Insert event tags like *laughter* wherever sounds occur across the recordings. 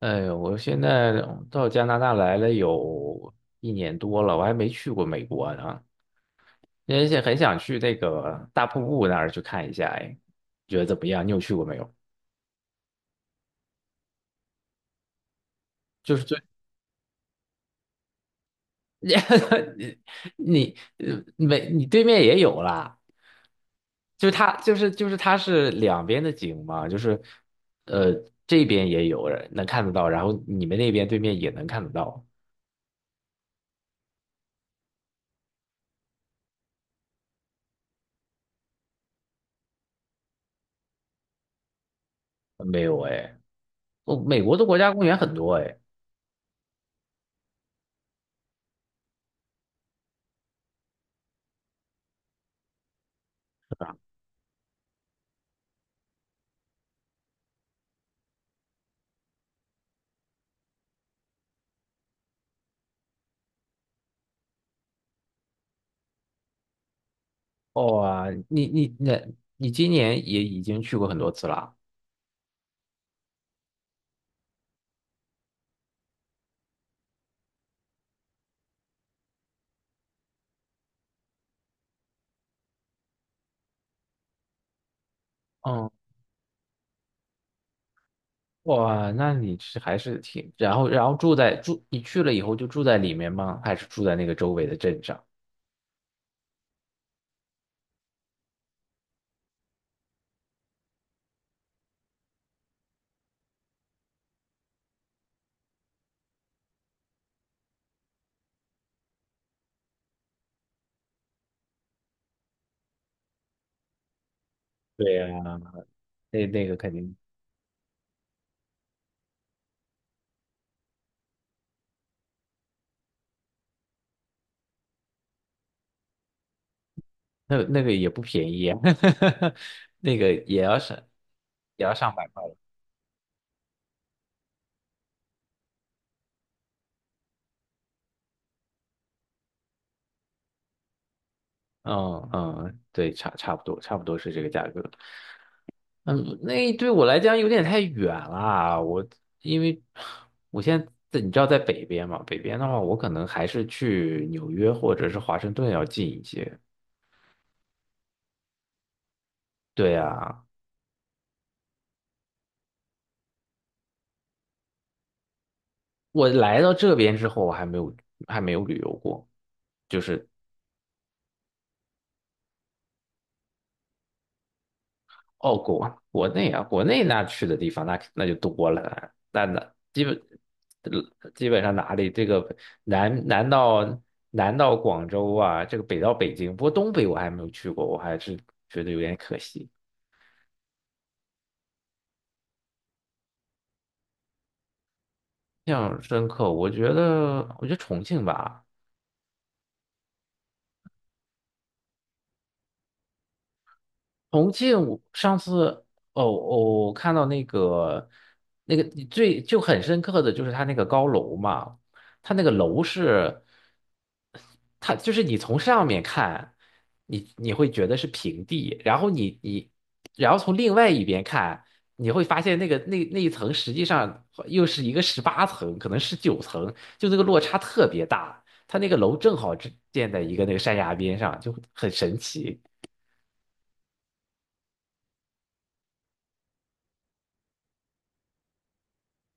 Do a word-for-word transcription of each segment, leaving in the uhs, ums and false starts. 哎呦，我现在到加拿大来了有一年多了，我还没去过美国呢，而且很想去那个大瀑布那儿去看一下。哎，你觉得怎么样？你有去过没有？就是最 *laughs* 你你呃美你对面也有啦，就是它就是就是它是两边的景嘛，就是呃这边也有人能看得到，然后你们那边对面也能看得到。没有哎，哦，美国的国家公园很多哎。哇，你你那你今年也已经去过很多次了。嗯，哇，那你是还是挺，然后然后住在住，你去了以后就住在里面吗？还是住在那个周围的镇上？对呀，那那个肯定，那那个也不便宜啊，*laughs* 那个也要上也要上百块了。嗯嗯，对，差差不多差不多是这个价格。嗯，那对我来讲有点太远了。我因为我现在在你知道在北边嘛，北边的话，我可能还是去纽约或者是华盛顿要近一些。对啊，我来到这边之后，我还没有还没有旅游过，就是哦，国国内啊，国内那去的地方那那就多了，那那基本呃基本上哪里这个南南到南到广州啊，这个北到北京，不过东北我还没有去过，我还是觉得有点可惜。印象深刻，我觉得我觉得重庆吧，重庆，我上次哦哦，我看到那个那个最就很深刻的就是它那个高楼嘛，它那个楼是，它就是你从上面看，你你会觉得是平地，然后你你然后从另外一边看，你会发现那个那那一层实际上又是一个十八层，可能十九层，就那个落差特别大。它那个楼正好是建在一个那个山崖边上，就很神奇。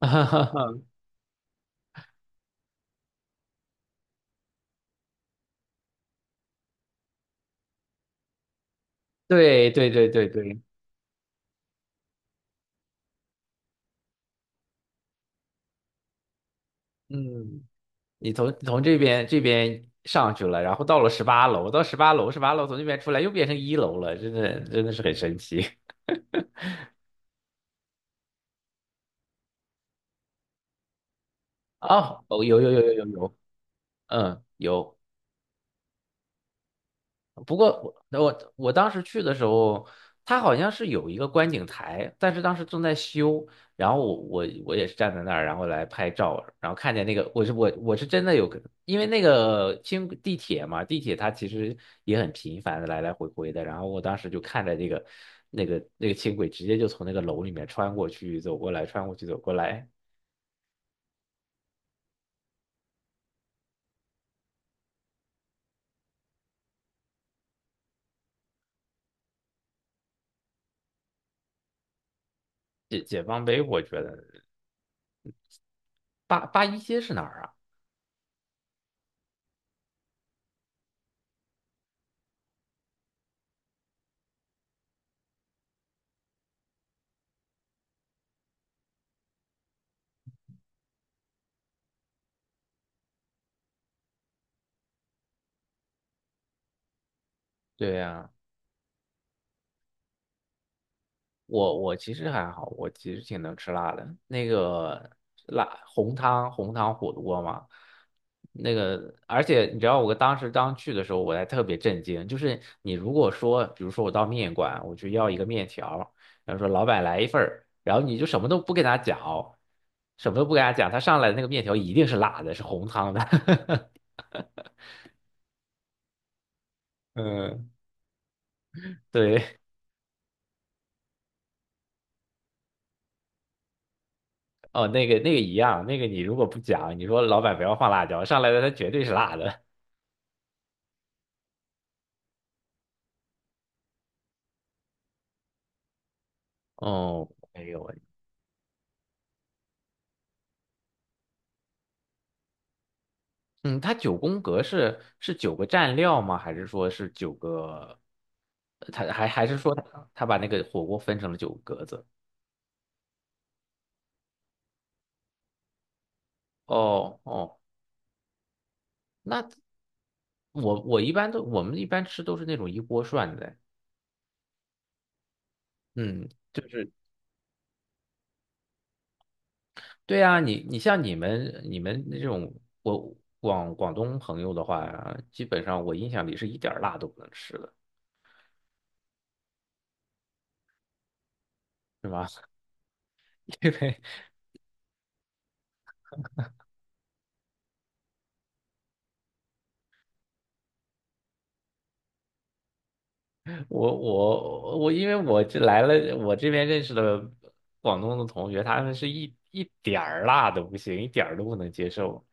*laughs* 对对对对对，嗯，你从从这边这边上去了，然后到了十八楼，到十八楼，十八楼从那边出来又变成一楼了，真的真的是很神奇。*laughs* 哦，哦，有有有有有有，嗯，有。不过我我我当时去的时候，它好像是有一个观景台，但是当时正在修，然后我我我也是站在那儿，然后来拍照，然后看见那个我是我我是真的有，因为那个轻地铁嘛，地铁它其实也很频繁的来来回回的，然后我当时就看着那个那个那个轻轨直接就从那个楼里面穿过去走过来，穿过去走过来，解解放碑我觉得八八一街是哪儿啊？对呀，我我其实还好，我其实挺能吃辣的。那个辣红汤红汤火锅嘛，那个而且你知道，我当时刚去的时候，我还特别震惊，就是你如果说，比如说我到面馆，我就要一个面条，然后说老板来一份儿，然后你就什么都不跟他讲，什么都不跟他讲，他上来的那个面条一定是辣的，是红汤的。*laughs* 嗯，对，哦，那个那个一样，那个你如果不讲，你说老板不要放辣椒，上来的它绝对是辣的。哦，没有喂，嗯，它九宫格是是九个蘸料吗？还是说是九个？呃它还还是说它它把那个火锅分成了九个格子？哦哦，那我我一般都我们一般吃都是那种一锅涮的，嗯，就是对啊，你你像你们你们那种我广广东朋友的话，基本上我印象里是一点儿辣都不能吃的，是吗？*laughs* 对，我我我，因为我这来了，我这边认识的广东的同学，他们是一一点儿辣都不行，一点儿都不能接受。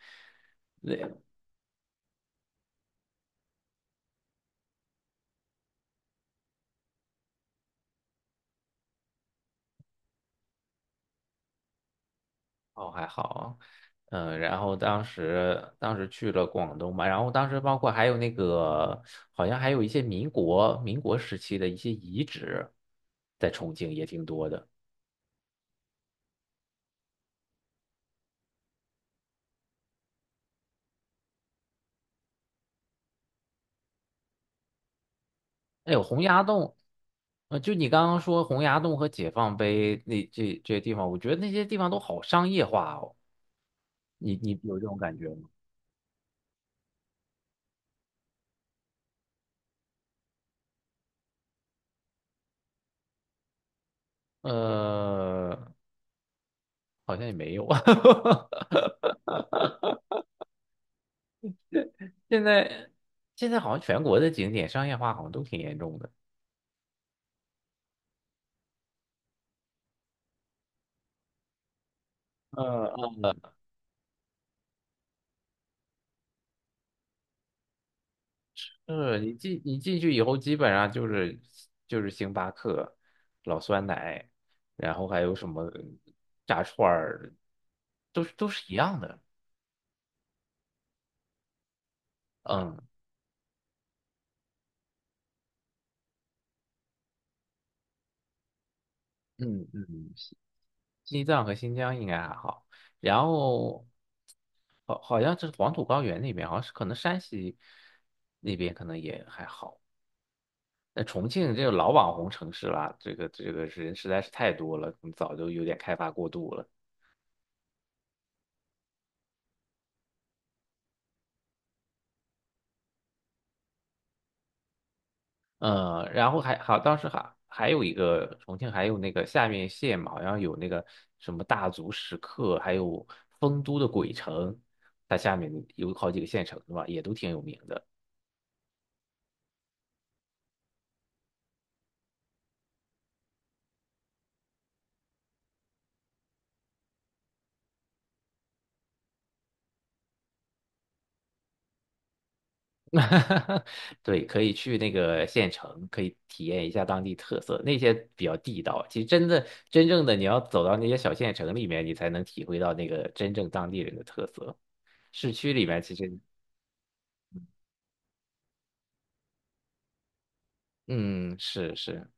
哦，还好，嗯，然后当时当时去了广东嘛，然后当时包括还有那个，好像还有一些民国民国时期的一些遗址，在重庆也挺多的。哎呦，洪崖洞，呃，就你刚刚说洪崖洞和解放碑那这这些地方，我觉得那些地方都好商业化哦。你你有这种感觉吗？呃，好像也没有。*laughs* 现在现在好像全国的景点商业化好像都挺严重的。呃嗯，是你进你进去以后，基本上就是就是星巴克、老酸奶，然后还有什么炸串儿，都是都是一样的。嗯嗯嗯，西藏和新疆应该还好。然后好，好像是黄土高原那边，好像是可能山西那边可能也还好。那重庆这个老网红城市啦，这个这个人实在是太多了，可能早就有点开发过度了。嗯，然后还好，当时还还有一个重庆，还有那个下面县嘛，好像有那个什么大足石刻，还有丰都的鬼城，它下面有好几个县城是吧，也都挺有名的。*laughs* 哈哈，对，可以去那个县城，可以体验一下当地特色，那些比较地道。其实真的真正的你要走到那些小县城里面，你才能体会到那个真正当地人的特色。市区里面其实，嗯，是是，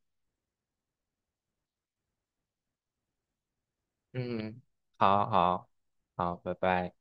嗯。好好好，拜拜。